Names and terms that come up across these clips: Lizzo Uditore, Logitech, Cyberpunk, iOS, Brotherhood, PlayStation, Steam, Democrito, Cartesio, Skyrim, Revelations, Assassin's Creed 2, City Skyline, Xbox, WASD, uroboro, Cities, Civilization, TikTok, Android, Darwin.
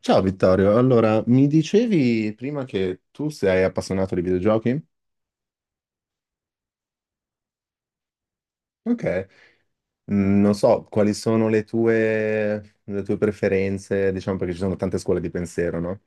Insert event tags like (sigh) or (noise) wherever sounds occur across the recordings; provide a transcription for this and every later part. Ciao Vittorio, allora mi dicevi prima che tu sei appassionato di videogiochi? Ok. Non so quali sono le tue preferenze, diciamo, perché ci sono tante scuole di pensiero, no?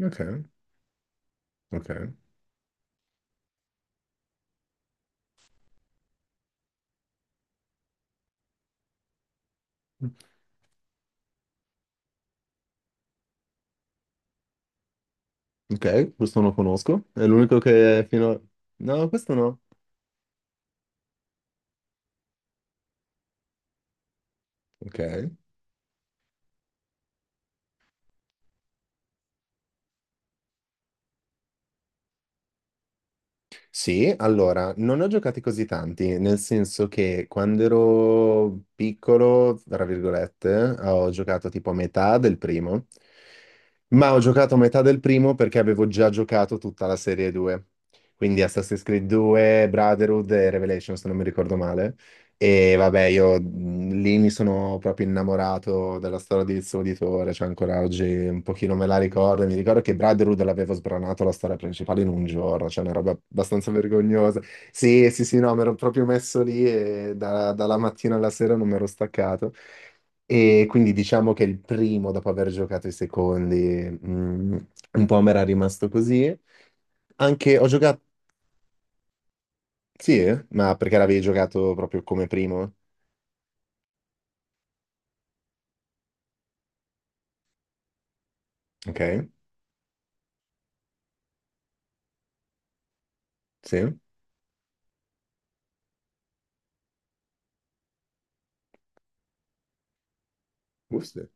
Ok, ok. Ok, questo non lo conosco, è l'unico che fino a. No, questo no. Ok. Sì, allora, non ne ho giocati così tanti, nel senso che quando ero piccolo, tra virgolette, ho giocato tipo a metà del primo, ma ho giocato a metà del primo perché avevo già giocato tutta la serie 2, quindi Assassin's Creed 2, Brotherhood e Revelations, se non mi ricordo male. E vabbè, io lì mi sono proprio innamorato della storia di Lizzo Uditore, cioè ancora oggi un pochino me la ricordo. Mi ricordo che Brotherhood l'avevo sbranato la storia principale in un giorno, cioè una roba abbastanza vergognosa. Sì, sì, sì, no, mi ero proprio messo lì e dalla mattina alla sera non mi ero staccato. E quindi diciamo che il primo, dopo aver giocato i secondi, mh, un po' mi era rimasto così. Anche ho giocato. Sì, eh? Ma perché l'avevi giocato proprio come primo? Ok. Sì, Buste.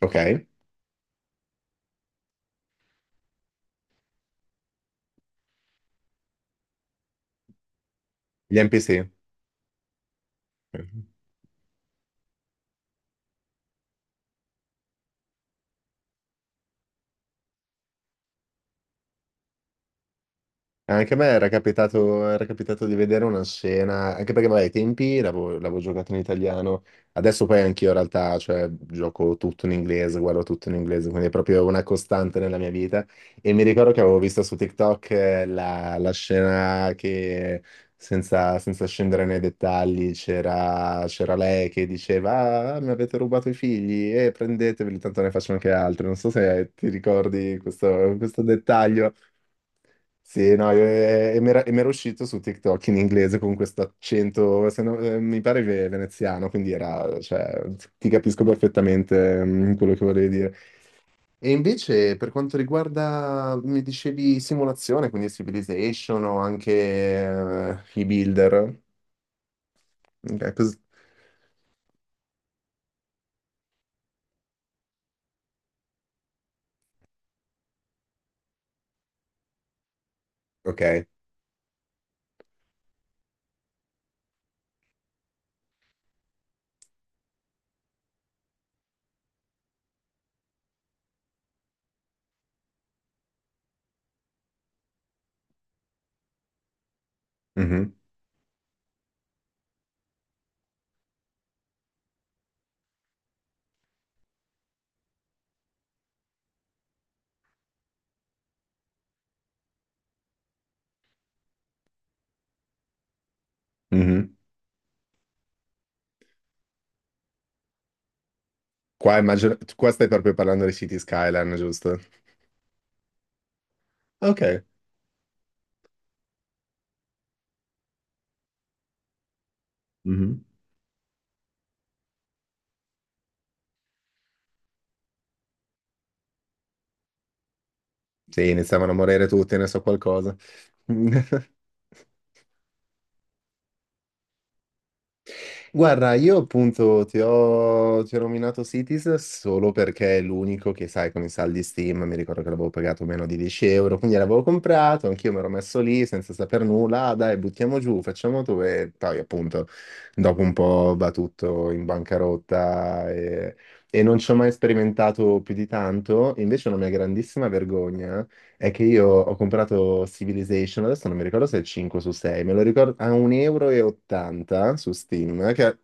Ok, gli NPC. Anche a me era capitato di vedere una scena, anche perché vabbè, ai tempi l'avevo giocato in italiano, adesso poi anch'io in realtà, cioè, gioco tutto in inglese, guardo tutto in inglese, quindi è proprio una costante nella mia vita. E mi ricordo che avevo visto su TikTok la scena che, senza scendere nei dettagli, c'era lei che diceva, ah, mi avete rubato i figli, e prendeteveli, tanto ne faccio anche altri. Non so se ti ricordi questo dettaglio. Sì, no, io, e mi era uscito su TikTok in inglese con questo accento, se no- mi pare veneziano, quindi era, cioè, ti capisco perfettamente quello che volevi dire. E invece per quanto riguarda, mi dicevi simulazione, quindi Civilization o anche i Builder, ok, ok, mhm, mhm. Qua, qua stai proprio parlando di City Skyline, giusto? Ok. Sì, iniziavano a morire tutti, ne so qualcosa. (laughs) Guarda, io appunto ti ho nominato Cities solo perché è l'unico che, sai, con i saldi Steam, mi ricordo che l'avevo pagato meno di 10 euro, quindi l'avevo comprato, anch'io mi ero messo lì senza saper nulla, ah, dai, buttiamo giù, facciamo tu e poi appunto dopo un po' va tutto in bancarotta e non ci ho mai sperimentato più di tanto. Invece è una mia grandissima vergogna: è che io ho comprato Civilization, adesso non mi ricordo se è 5 su 6, me lo ricordo a 1,80 € e ottanta su Steam, che,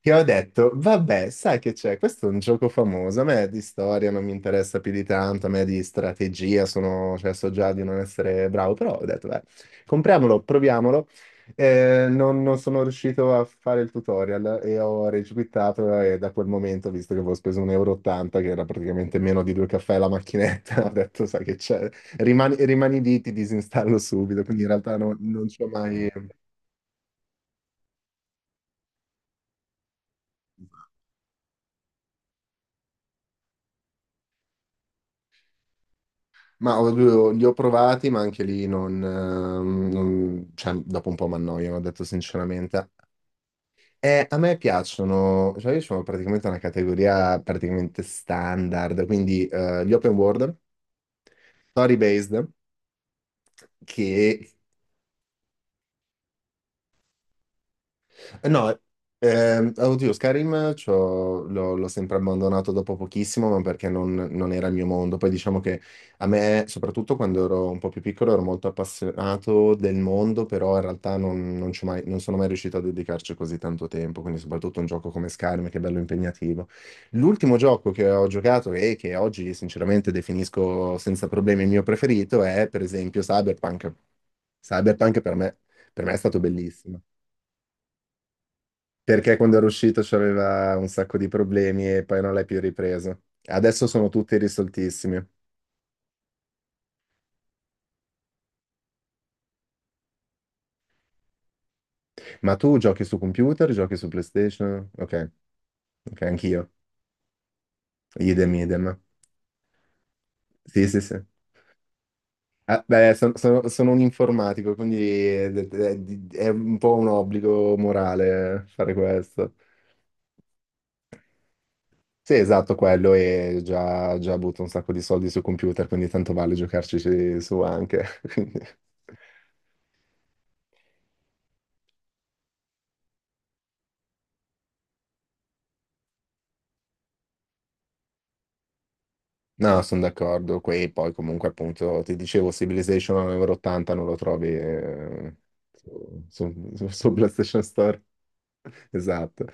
che ho detto, vabbè, sai che c'è, questo è un gioco famoso, a me di storia non mi interessa più di tanto, a me di strategia sono, cioè, so già di non essere bravo, però ho detto, beh, compriamolo, proviamolo. Non sono riuscito a fare il tutorial e ho regiquittato e da quel momento, visto che avevo speso 1,80 euro, e ottanta, che era praticamente meno di due caffè la macchinetta, (laughs) ho detto, sai che c'è, rimani, rimani lì, ti disinstallo subito, quindi in realtà non ci ho mai. Li ho provati, ma anche lì cioè, dopo un po' mi annoiano, ho detto sinceramente. A me piacciono, cioè io sono praticamente una categoria praticamente standard, quindi gli open world, story based, che, eh no, oddio, l'ho sempre abbandonato dopo pochissimo, ma perché non era il mio mondo. Poi diciamo che a me, soprattutto quando ero un po' più piccolo, ero molto appassionato del mondo, però in realtà non sono mai riuscito a dedicarci così tanto tempo, quindi soprattutto un gioco come Skyrim, che è bello impegnativo. L'ultimo gioco che ho giocato e che oggi sinceramente definisco senza problemi il mio preferito è per esempio Cyberpunk. Cyberpunk per me è stato bellissimo. Perché quando ero uscito c'aveva un sacco di problemi e poi non l'hai più ripreso. Adesso sono tutti risoltissimi. Ma tu giochi su computer, giochi su PlayStation? Ok, ok, anch'io. Idem, idem. Sì, sì, sì. Ah, beh, sono un informatico, quindi è un po' un obbligo morale, fare questo. Sì, esatto, quello. E già butto un sacco di soldi su computer, quindi tanto vale giocarci su anche. (laughs) Quindi... No, sono d'accordo. Qui poi comunque appunto ti dicevo Civilization a 1,80 non lo trovi, su PlayStation Store. (laughs) Esatto.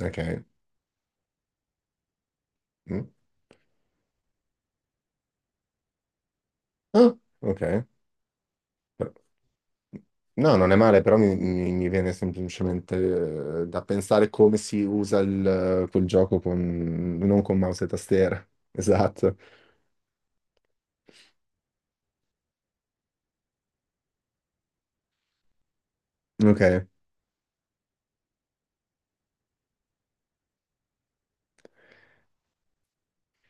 Ok. Mm. Ah, ok. Però... No, non è male, però mi viene semplicemente, da pensare come si usa quel gioco con, non con mouse e tastiera. (laughs) Esatto. Ok.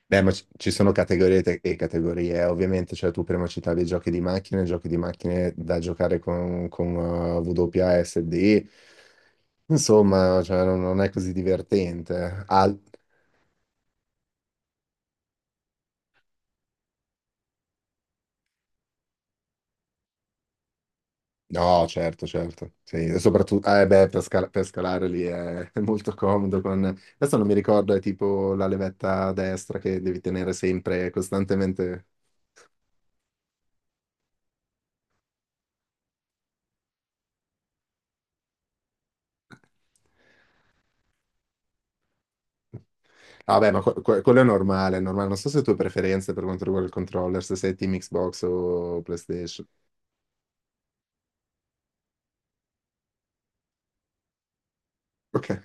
Beh, ma ci sono categorie e categorie, ovviamente, cioè tu prima citavi giochi di macchine da giocare con, con WASD, insomma, cioè, non è così divertente. No, certo, certo, sì, e soprattutto, beh, per scalare lì è, (laughs) è molto comodo con. Adesso non mi ricordo, è tipo la levetta a destra che devi tenere sempre, costantemente. Vabbè, ma quello è normale, è normale. Non so se tu hai preferenze per quanto riguarda il controller, se sei team Xbox o PlayStation. Ok.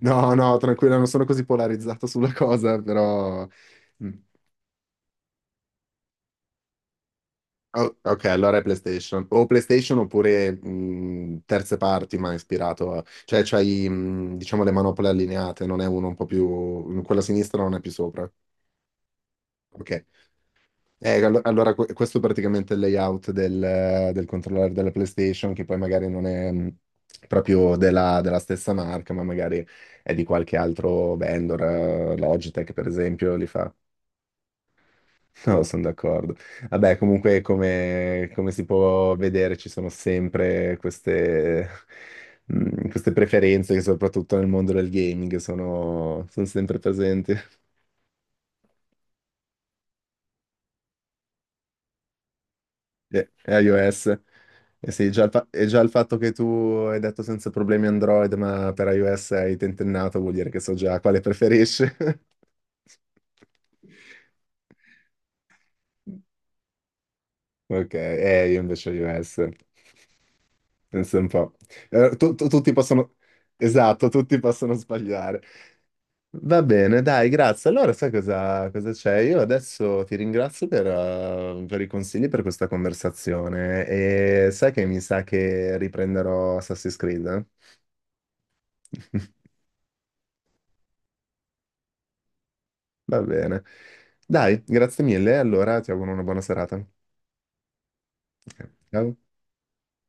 No, no, tranquilla, non sono così polarizzato sulla cosa, però. Mm. Oh, ok, allora è PlayStation. O PlayStation oppure terze parti, ma ispirato a. Cioè, c'hai, diciamo, le manopole allineate, non è uno un po' più... quella sinistra non è più sopra. Ok. Allora, questo è praticamente il layout del controller della PlayStation, che poi magari non è... proprio della stessa marca, ma magari è di qualche altro vendor, Logitech per esempio, li fa. No, sono d'accordo. Vabbè, comunque, come si può vedere, ci sono sempre queste preferenze che soprattutto nel mondo del gaming sono sempre presenti. E iOS. E sì, già e già il fatto che tu hai detto senza problemi Android, ma per iOS hai tentennato, vuol dire che so già quale preferisci. (laughs) Ok, io invece iOS. Pensa un po'. Tutti possono... Esatto, tutti possono sbagliare. Va bene, dai, grazie. Allora, sai cosa c'è? Io adesso ti ringrazio, per i consigli, per questa conversazione, e sai che mi sa che riprenderò Assassin's Creed? Eh? (laughs) Va bene. Dai, grazie mille. Allora, ti auguro una buona serata. Ok, ciao.